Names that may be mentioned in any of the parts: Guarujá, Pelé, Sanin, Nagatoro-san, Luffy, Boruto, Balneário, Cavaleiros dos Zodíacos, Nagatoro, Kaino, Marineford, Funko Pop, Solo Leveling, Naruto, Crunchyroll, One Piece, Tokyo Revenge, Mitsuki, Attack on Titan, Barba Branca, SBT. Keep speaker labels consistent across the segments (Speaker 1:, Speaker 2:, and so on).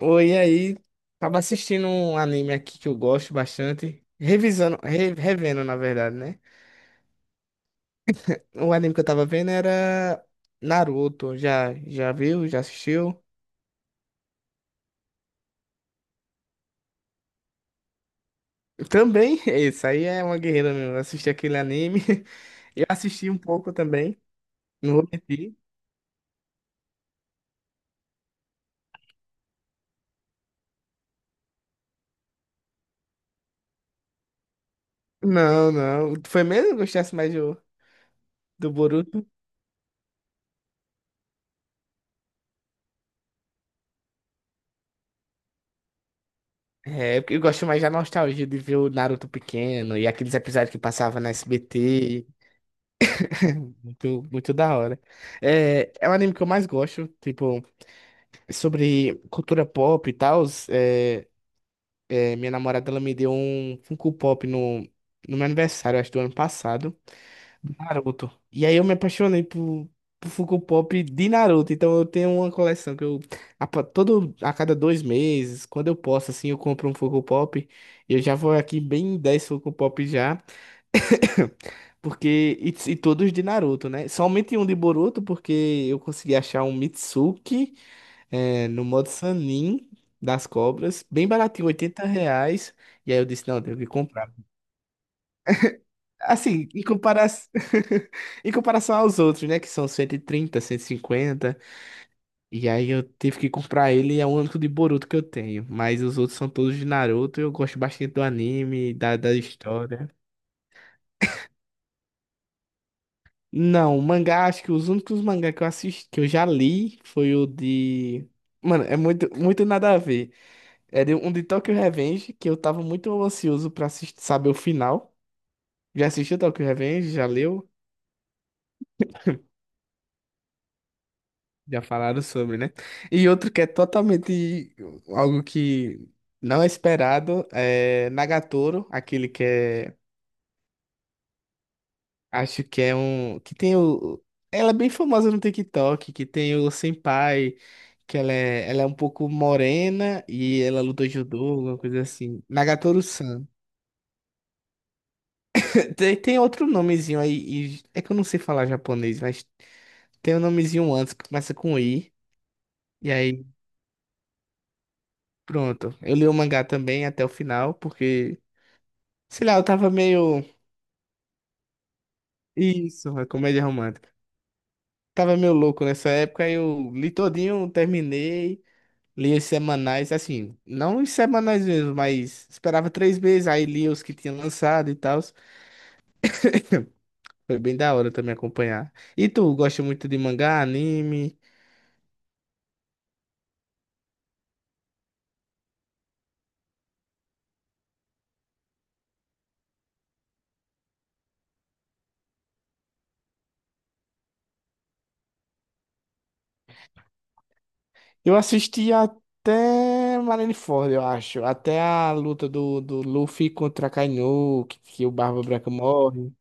Speaker 1: Oi, e aí? Tava assistindo um anime aqui que eu gosto bastante. Revisando, revendo, na verdade, né? O anime que eu tava vendo era Naruto. Já viu? Já assistiu? Também, isso aí é uma guerreira mesmo. Eu assisti aquele anime. Eu assisti um pouco também. Não vou mentir. Não, não. Foi mesmo que eu gostasse mais do Boruto? É, porque eu gosto mais da nostalgia de ver o Naruto pequeno e aqueles episódios que passava na SBT. Muito, muito da hora. É um anime que eu mais gosto, tipo, sobre cultura pop e tal. É, minha namorada, ela me deu um Funko Pop no meu aniversário, acho, do ano passado, do Naruto. E aí eu me apaixonei por Funko Pop de Naruto. Então eu tenho uma coleção que eu, a cada 2 meses, quando eu posso, assim, eu compro um Funko Pop. Eu já vou aqui bem em 10 Funko Pop já. Porque. E todos de Naruto, né? Somente um de Boruto, porque eu consegui achar um Mitsuki no modo Sanin das cobras, bem baratinho, R$ 80. E aí eu disse, não, tenho que comprar. Assim, em comparação, em comparação aos outros, né? Que são 130, 150. E 50. E aí eu tive que comprar ele, e é o único de Boruto que eu tenho. Mas os outros são todos de Naruto, eu gosto bastante do anime, da história. Não, mangá, acho que os únicos mangá que eu assisti, que eu já li foi o de. Mano, é muito, muito nada a ver. É um de Tokyo Revenge, que eu tava muito ansioso pra assistir, saber o final. Já assistiu Tokyo Revenge? Já leu? Já falaram sobre, né? E outro que é totalmente algo que não é esperado é Nagatoro, aquele que é. Acho que é um. Que tem o. Ela é bem famosa no TikTok, que tem o Senpai, que ela é um pouco morena e ela luta judô, alguma coisa assim. Nagatoru-san. Tem outro nomezinho aí, é que eu não sei falar japonês, mas tem um nomezinho antes que começa com I. E aí, pronto. Eu li o mangá também até o final, porque, sei lá, eu tava meio. Isso, é comédia romântica. Tava meio louco nessa época, aí eu li todinho, terminei. Lia os semanais, assim, não os semanais mesmo, mas esperava 3 meses, aí lia os que tinha lançado e tal. Foi bem da hora também acompanhar. E tu, gosta muito de mangá, anime? Eu assisti até Marineford, eu acho. Até a luta do Luffy contra Kaino, que o Barba Branca morre.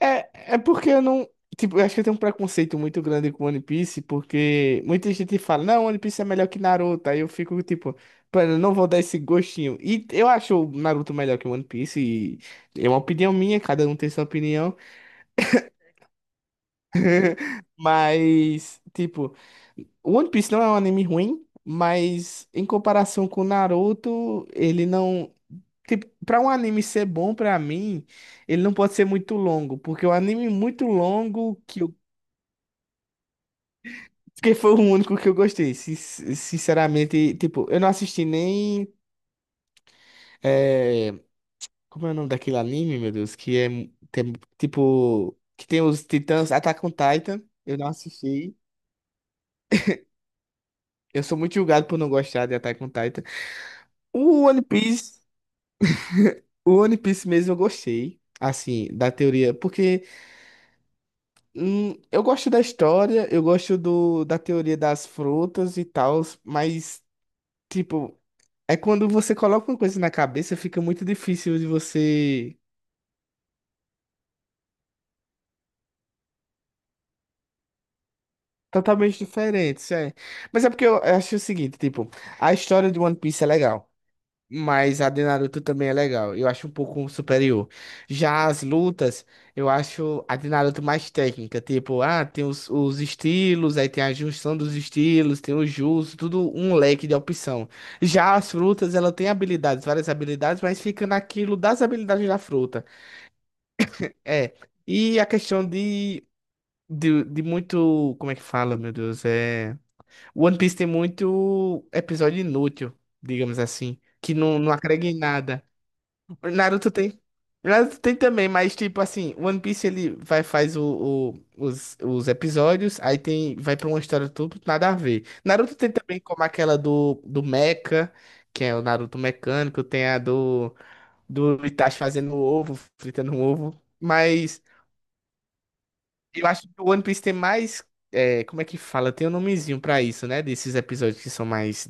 Speaker 1: É porque eu não. Tipo, eu acho que eu tenho um preconceito muito grande com One Piece, porque muita gente fala, não, One Piece é melhor que Naruto. Aí eu fico tipo, mano, eu não vou dar esse gostinho. E eu acho o Naruto melhor que One Piece, e é uma opinião minha, cada um tem sua opinião. Mas, tipo, One Piece não é um anime ruim, mas em comparação com Naruto, ele não. Tipo, pra um anime ser bom pra mim, ele não pode ser muito longo, porque o anime muito longo que eu. Porque foi o único que eu gostei. Sinceramente, tipo, eu não assisti nem. eh, Como é o nome daquele anime, meu Deus? Que é. Tipo. Que tem os Titãs. Attack on Titan. Eu não assisti. Eu sou muito julgado por não gostar de Attack on Titan. O One Piece. O One Piece mesmo eu gostei. Assim, da teoria. Porque eu gosto da história, eu gosto da teoria das frutas e tal. Mas, tipo. É quando você coloca uma coisa na cabeça, fica muito difícil de você. Totalmente diferente, isso é. Mas é porque eu acho o seguinte, tipo, a história de One Piece é legal, mas a de Naruto também é legal. Eu acho um pouco superior. Já as lutas, eu acho a de Naruto mais técnica, tipo, ah, tem os estilos, aí tem a junção dos estilos, tem o jutsu, tudo um leque de opção. Já as frutas, ela tem habilidades, várias habilidades, mas fica naquilo das habilidades da fruta. É, e a questão de muito. Como é que fala, meu Deus? É. One Piece tem muito episódio inútil, digamos assim, que não, não agrega em nada. Naruto tem. Naruto tem também, mas tipo assim, One Piece ele vai faz os episódios, aí tem vai pra uma história tudo nada a ver. Naruto tem também como aquela do Mecha, que é o Naruto mecânico, tem a do Itachi fazendo ovo, fritando um ovo, mas. Eu acho que o One Piece tem mais. Como é que fala? Tem um nomezinho pra isso, né? Desses episódios que são mais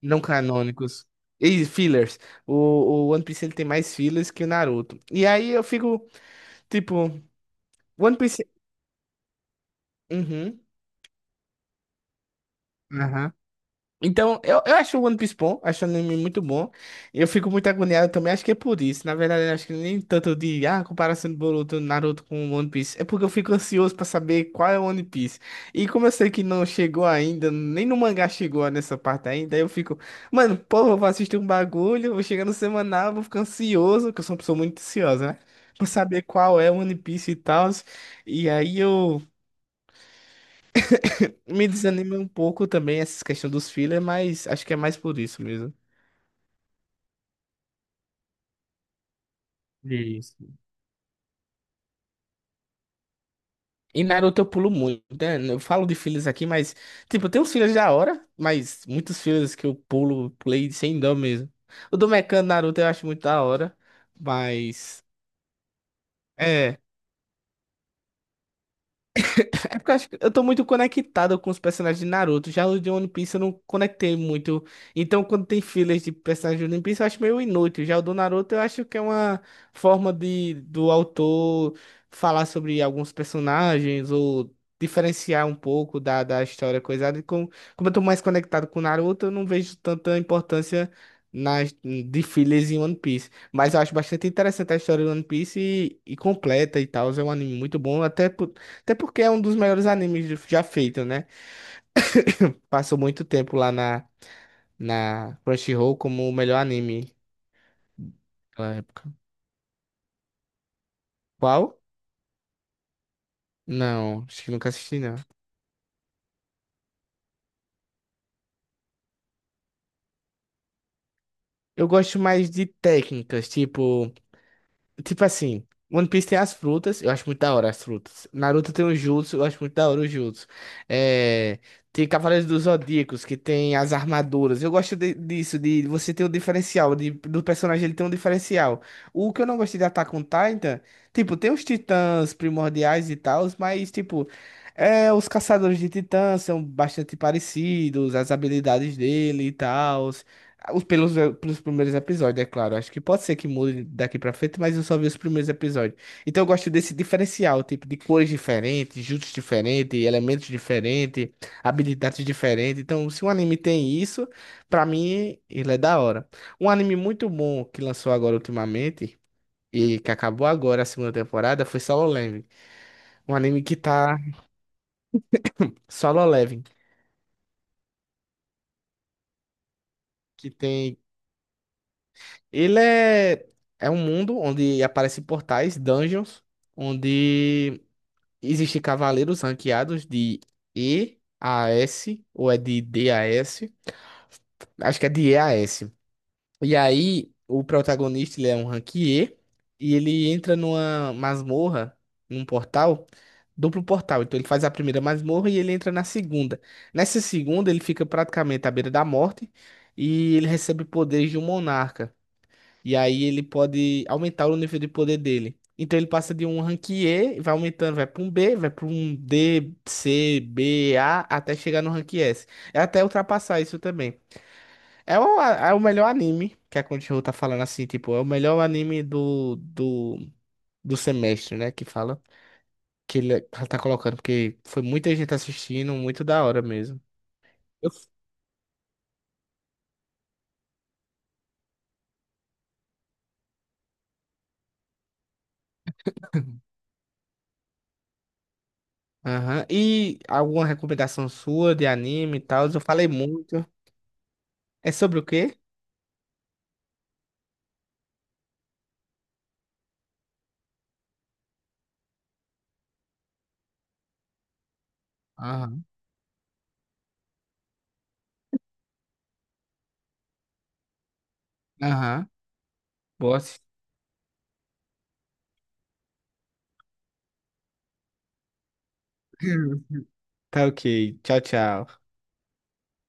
Speaker 1: não canônicos. E fillers. O One Piece ele tem mais fillers que o Naruto. E aí eu fico, tipo, One Piece. Uhum. Aham. Então, eu acho o One Piece bom, acho o anime muito bom. Eu fico muito agoniado também, acho que é por isso. Na verdade, eu acho que nem tanto de, comparação do Boruto, Naruto com o One Piece. É porque eu fico ansioso pra saber qual é o One Piece. E como eu sei que não chegou ainda, nem no mangá chegou nessa parte ainda, eu fico, mano, pô, eu vou assistir um bagulho, vou chegar no semanal, vou ficar ansioso, que eu sou uma pessoa muito ansiosa, né? Pra saber qual é o One Piece e tal. E aí eu me desanimo um pouco também essa questão dos fillers, mas acho que é mais por isso mesmo. Isso. E Naruto eu pulo muito, né? Eu falo de filhos aqui, mas, tipo, tem uns filhos da hora, mas muitos filhos que eu pulo, pulei sem dó mesmo. O do Mecano Naruto eu acho muito da hora, mas. É. É porque eu acho que eu tô muito conectado com os personagens de Naruto. Já os de One Piece eu não conectei muito. Então, quando tem filas de personagens de One Piece, eu acho meio inútil. Já o do Naruto, eu acho que é uma forma de do autor falar sobre alguns personagens ou diferenciar um pouco da história coisada. Como eu tô mais conectado com o Naruto, eu não vejo tanta importância nas de filas em One Piece. Mas eu acho bastante interessante a história do One Piece e completa e tal. É um anime muito bom, até porque é um dos melhores animes já feito, né? Passou muito tempo lá na Crunchyroll como o melhor anime daquela época. Qual? Não, acho que nunca assisti, não. Eu gosto mais de técnicas, tipo. Tipo assim, One Piece tem as frutas, eu acho muito da hora as frutas. Naruto tem o Jutsu, eu acho muito da hora o Jutsu. É, tem Cavaleiros dos Zodíacos, que tem as armaduras. Eu gosto disso, de você ter um diferencial, do personagem ele ter um diferencial. O que eu não gostei de Attack on Titan, tipo, tem os titãs primordiais e tal, mas, tipo, os caçadores de titãs são bastante parecidos, as habilidades dele e tal. Os- Pelos, pelos primeiros episódios, é claro. Acho que pode ser que mude daqui pra frente, mas eu só vi os primeiros episódios. Então eu gosto desse diferencial, tipo, de cores diferentes, juntos diferentes, elementos diferentes, habilidades diferentes. Então, se um anime tem isso, pra mim, ele é da hora. Um anime muito bom que lançou agora ultimamente, e que acabou agora a segunda temporada, foi Solo Leveling. Um anime que tá. Solo Leveling. Que tem. Ele é um mundo onde aparecem portais, dungeons, onde existem cavaleiros ranqueados de E a S, ou é de D a S, acho que é de E a S. E aí, o protagonista, ele é um rank E, e ele entra numa masmorra, num portal, duplo portal. Então ele faz a primeira masmorra e ele entra na segunda. Nessa segunda, ele fica praticamente à beira da morte, e ele recebe poderes de um monarca. E aí ele pode aumentar o nível de poder dele. Então ele passa de um rank E, vai aumentando, vai para um B, vai para um D, C, B, A, até chegar no rank S. É até ultrapassar isso também. É o melhor anime que a Crunchyroll tá falando assim, tipo, é o melhor anime do semestre, né? Que fala, que ele ela tá colocando, porque foi muita gente assistindo, muito da hora mesmo. Eu- Aham. E alguma recomendação sua de anime e tal? Eu falei muito. É sobre o quê? Aham. Aham. Boa. Tá ok. Tchau, tchau.